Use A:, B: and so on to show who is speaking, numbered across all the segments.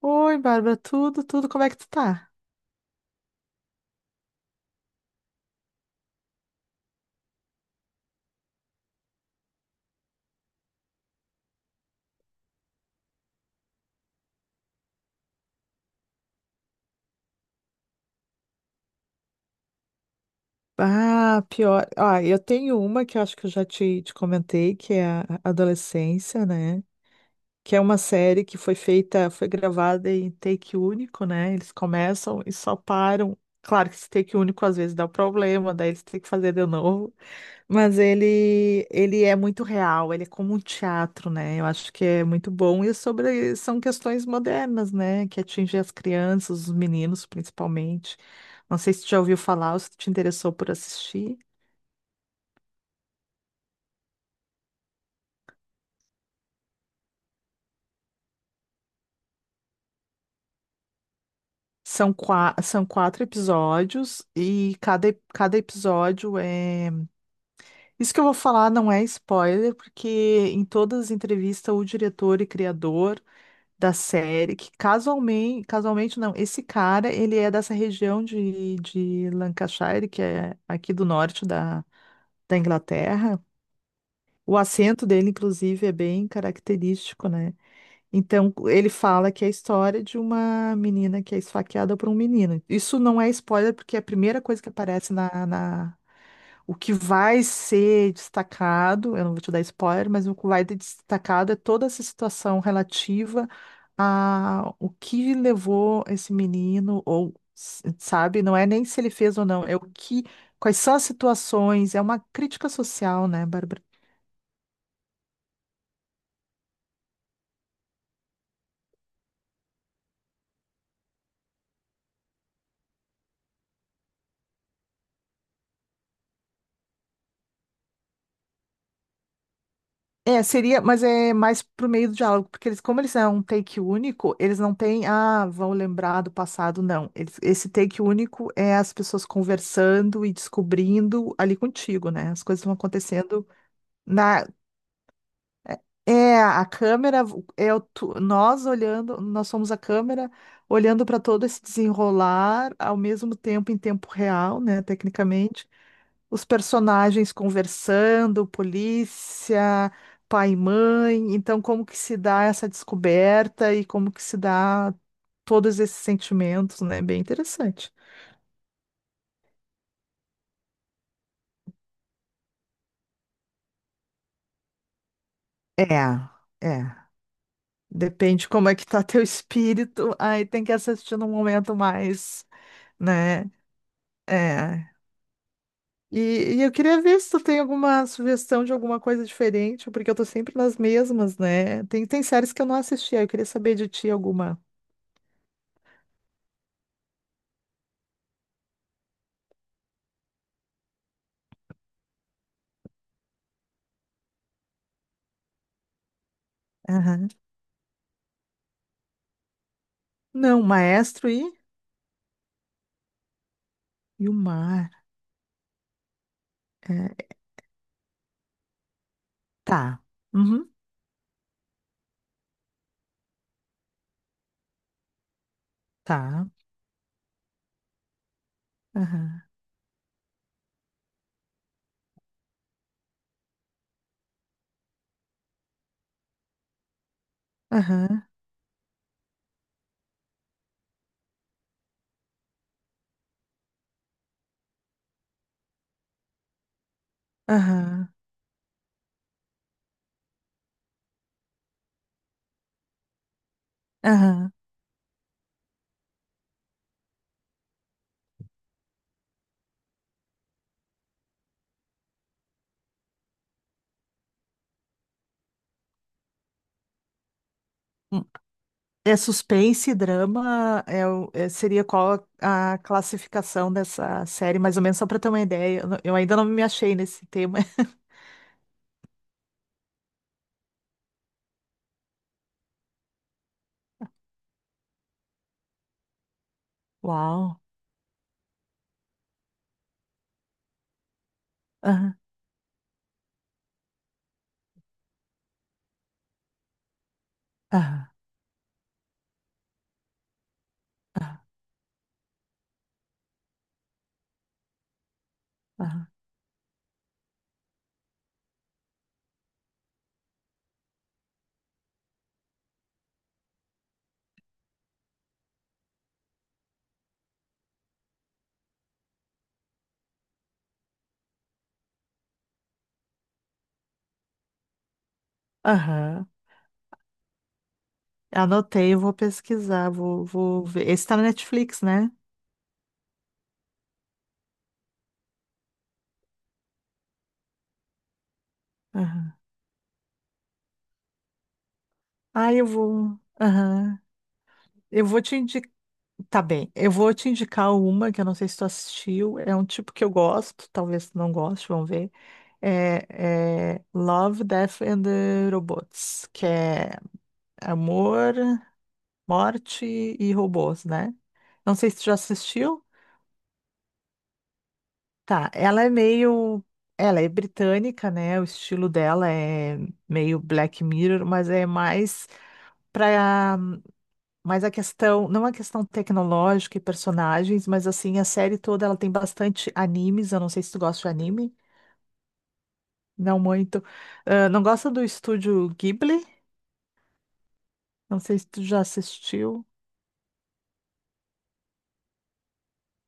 A: Oi, Bárbara, tudo, como é que tu tá? Ah, pior. Ah, eu tenho uma que eu acho que eu já te comentei, que é a Adolescência, né? Que é uma série que foi feita, foi gravada em take único, né? Eles começam e só param. Claro que esse take único às vezes dá problema, daí eles têm que fazer de novo. Mas ele é muito real, ele é como um teatro, né? Eu acho que é muito bom. E sobre, são questões modernas, né? Que atingem as crianças, os meninos, principalmente. Não sei se tu já ouviu falar ou se te interessou por assistir. São, são quatro episódios e cada episódio é. Isso que eu vou falar não é spoiler, porque em todas as entrevistas o diretor e criador. Da série, que casualmente não, esse cara, ele é dessa região de Lancashire, que é aqui do norte da Inglaterra. O acento dele, inclusive, é bem característico, né? Então, ele fala que é a história de uma menina que é esfaqueada por um menino. Isso não é spoiler, porque é a primeira coisa que aparece na. O que vai ser destacado, eu não vou te dar spoiler, mas o que vai ser destacado é toda essa situação relativa a o que levou esse menino, ou, sabe, não é nem se ele fez ou não, é o que. Quais são as situações, é uma crítica social, né, Bárbara? É, seria, mas é mais pro meio do diálogo, porque eles, como eles é um take único, eles não têm, vão lembrar do passado, não. Eles- esse take único é as pessoas conversando e descobrindo ali contigo, né? As coisas vão acontecendo na, é, a câmera é o nós olhando, nós somos a câmera olhando para todo esse desenrolar ao mesmo tempo em tempo real, né, tecnicamente os personagens conversando, polícia, pai e mãe. Então, como que se dá essa descoberta e como que se dá todos esses sentimentos, né? Bem interessante. É, é. Depende como é que tá teu espírito, aí tem que assistir num momento mais, né? É. E eu queria ver se tu tem alguma sugestão de alguma coisa diferente, porque eu tô sempre nas mesmas, né? Tem séries que eu não assisti, aí eu queria saber de ti alguma. Não, maestro e o mar. É, tá. Uhum, tá. Aham, aham, aham, aham. Hum, é suspense e drama, é, seria qual a classificação dessa série, mais ou menos, só para ter uma ideia. Eu ainda não me achei nesse tema. Uau. Aham, aham, aham, aham. Aham. Anotei, eu vou pesquisar, vou ver. Esse tá na Netflix, né? Aham. Ah, eu vou. Aham. Eu vou te indicar. Tá bem, eu vou te indicar uma que eu não sei se tu assistiu, é um tipo que eu gosto, talvez tu não goste, vamos ver. É, é Love, Death and the Robots, que é amor, morte e robôs, né? Não sei se tu já assistiu. Tá, ela é meio. Ela é britânica, né? O estilo dela é meio Black Mirror, mas é mais pra mas a questão, não a questão tecnológica e personagens, mas assim, a série toda ela tem bastante animes. Eu não sei se tu gosta de anime, não muito. Ah, não gosta do estúdio Ghibli? Não sei se tu já assistiu.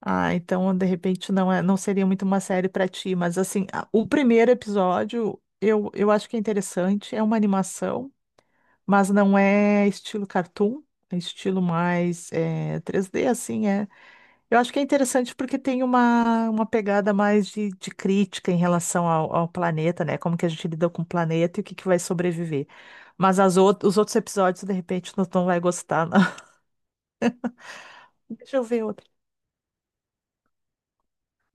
A: Ah, então de repente não é, não seria muito uma série pra ti, mas assim, o primeiro episódio eu acho que é interessante, é uma animação, mas não é estilo cartoon, é estilo mais 3D, assim, é. Eu acho que é interessante porque tem uma pegada mais de crítica em relação ao planeta, né? Como que a gente lida com o planeta e o que, que vai sobreviver. Mas as os outros episódios, de repente, não, não vai gostar, não. Deixa eu ver outro.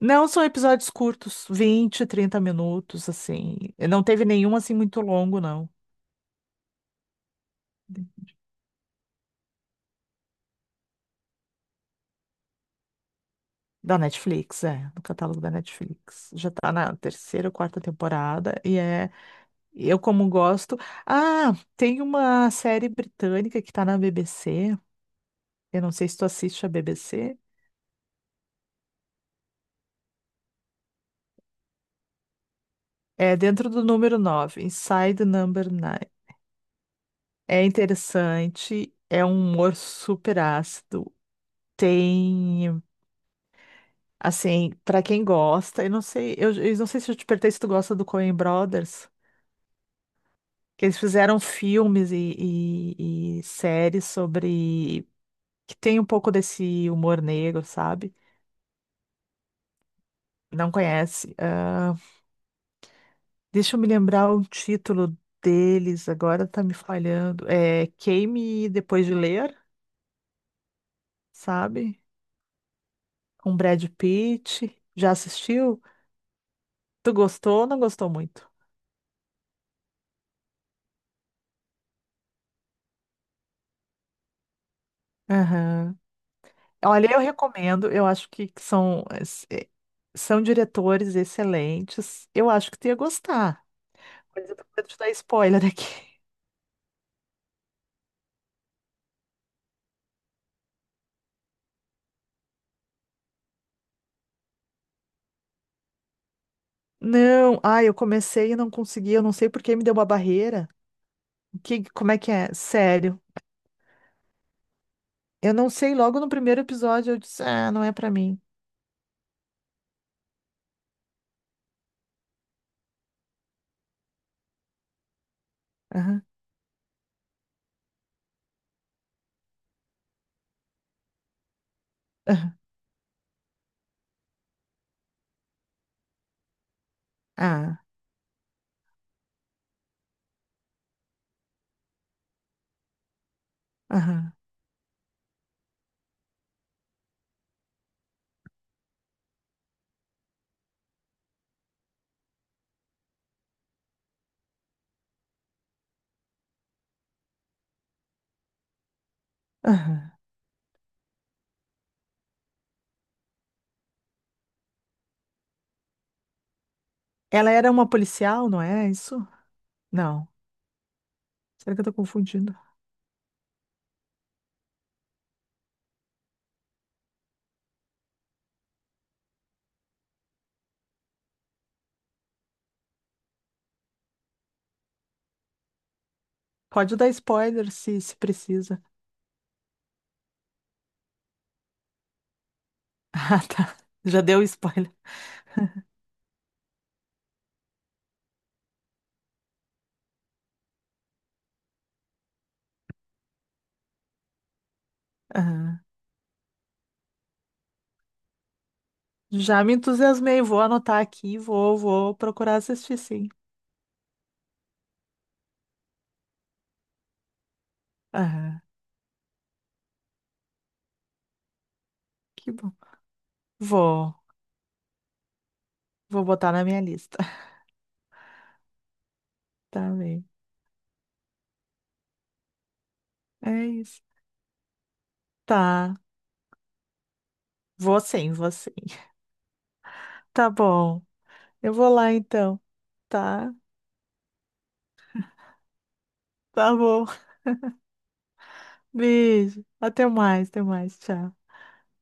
A: Não, são episódios curtos, 20, 30 minutos, assim. Não teve nenhum, assim, muito longo, não. Da Netflix, é, no catálogo da Netflix. Já tá na terceira ou quarta temporada e é, eu como gosto. Ah, tem uma série britânica que tá na BBC. Eu não sei se tu assiste a BBC. É dentro do número 9, Inside the Number 9. É interessante, é um humor super ácido. Tem, assim, pra quem gosta, eu não sei, eu não sei se eu te perguntei se tu gosta do Coen Brothers, que eles fizeram filmes e séries sobre que tem um pouco desse humor negro, sabe? Não conhece. Ah, deixa eu me lembrar o título deles, agora tá me falhando. É Queime Depois de Ler, sabe? Com Brad Pitt. Já assistiu? Tu gostou ou não gostou muito? Aham. Olha, eu recomendo, eu acho que são, é, são diretores excelentes. Eu acho que tu ia gostar. Mas eu tô com medo de dar spoiler aqui. Não, ai, eu comecei e não consegui, eu não sei por que me deu uma barreira. O que, como é que é? Sério. Eu não sei, logo no primeiro episódio eu disse, ah, não é pra mim. Aham, aham, ah, aham, aham. Ela era uma policial, não é isso? Não. Será que eu tô confundindo? Pode dar spoiler se precisa. Ah, tá. Já deu spoiler. Aham. Já me entusiasmei, vou anotar aqui, vou procurar assistir, sim. Aham, que bom. Vou, vou botar na minha lista. Tá bem. É isso. Tá. Vou sim, vou sim. Tá bom. Eu vou lá então, tá? Tá bom. Beijo. Até mais, até mais. Tchau.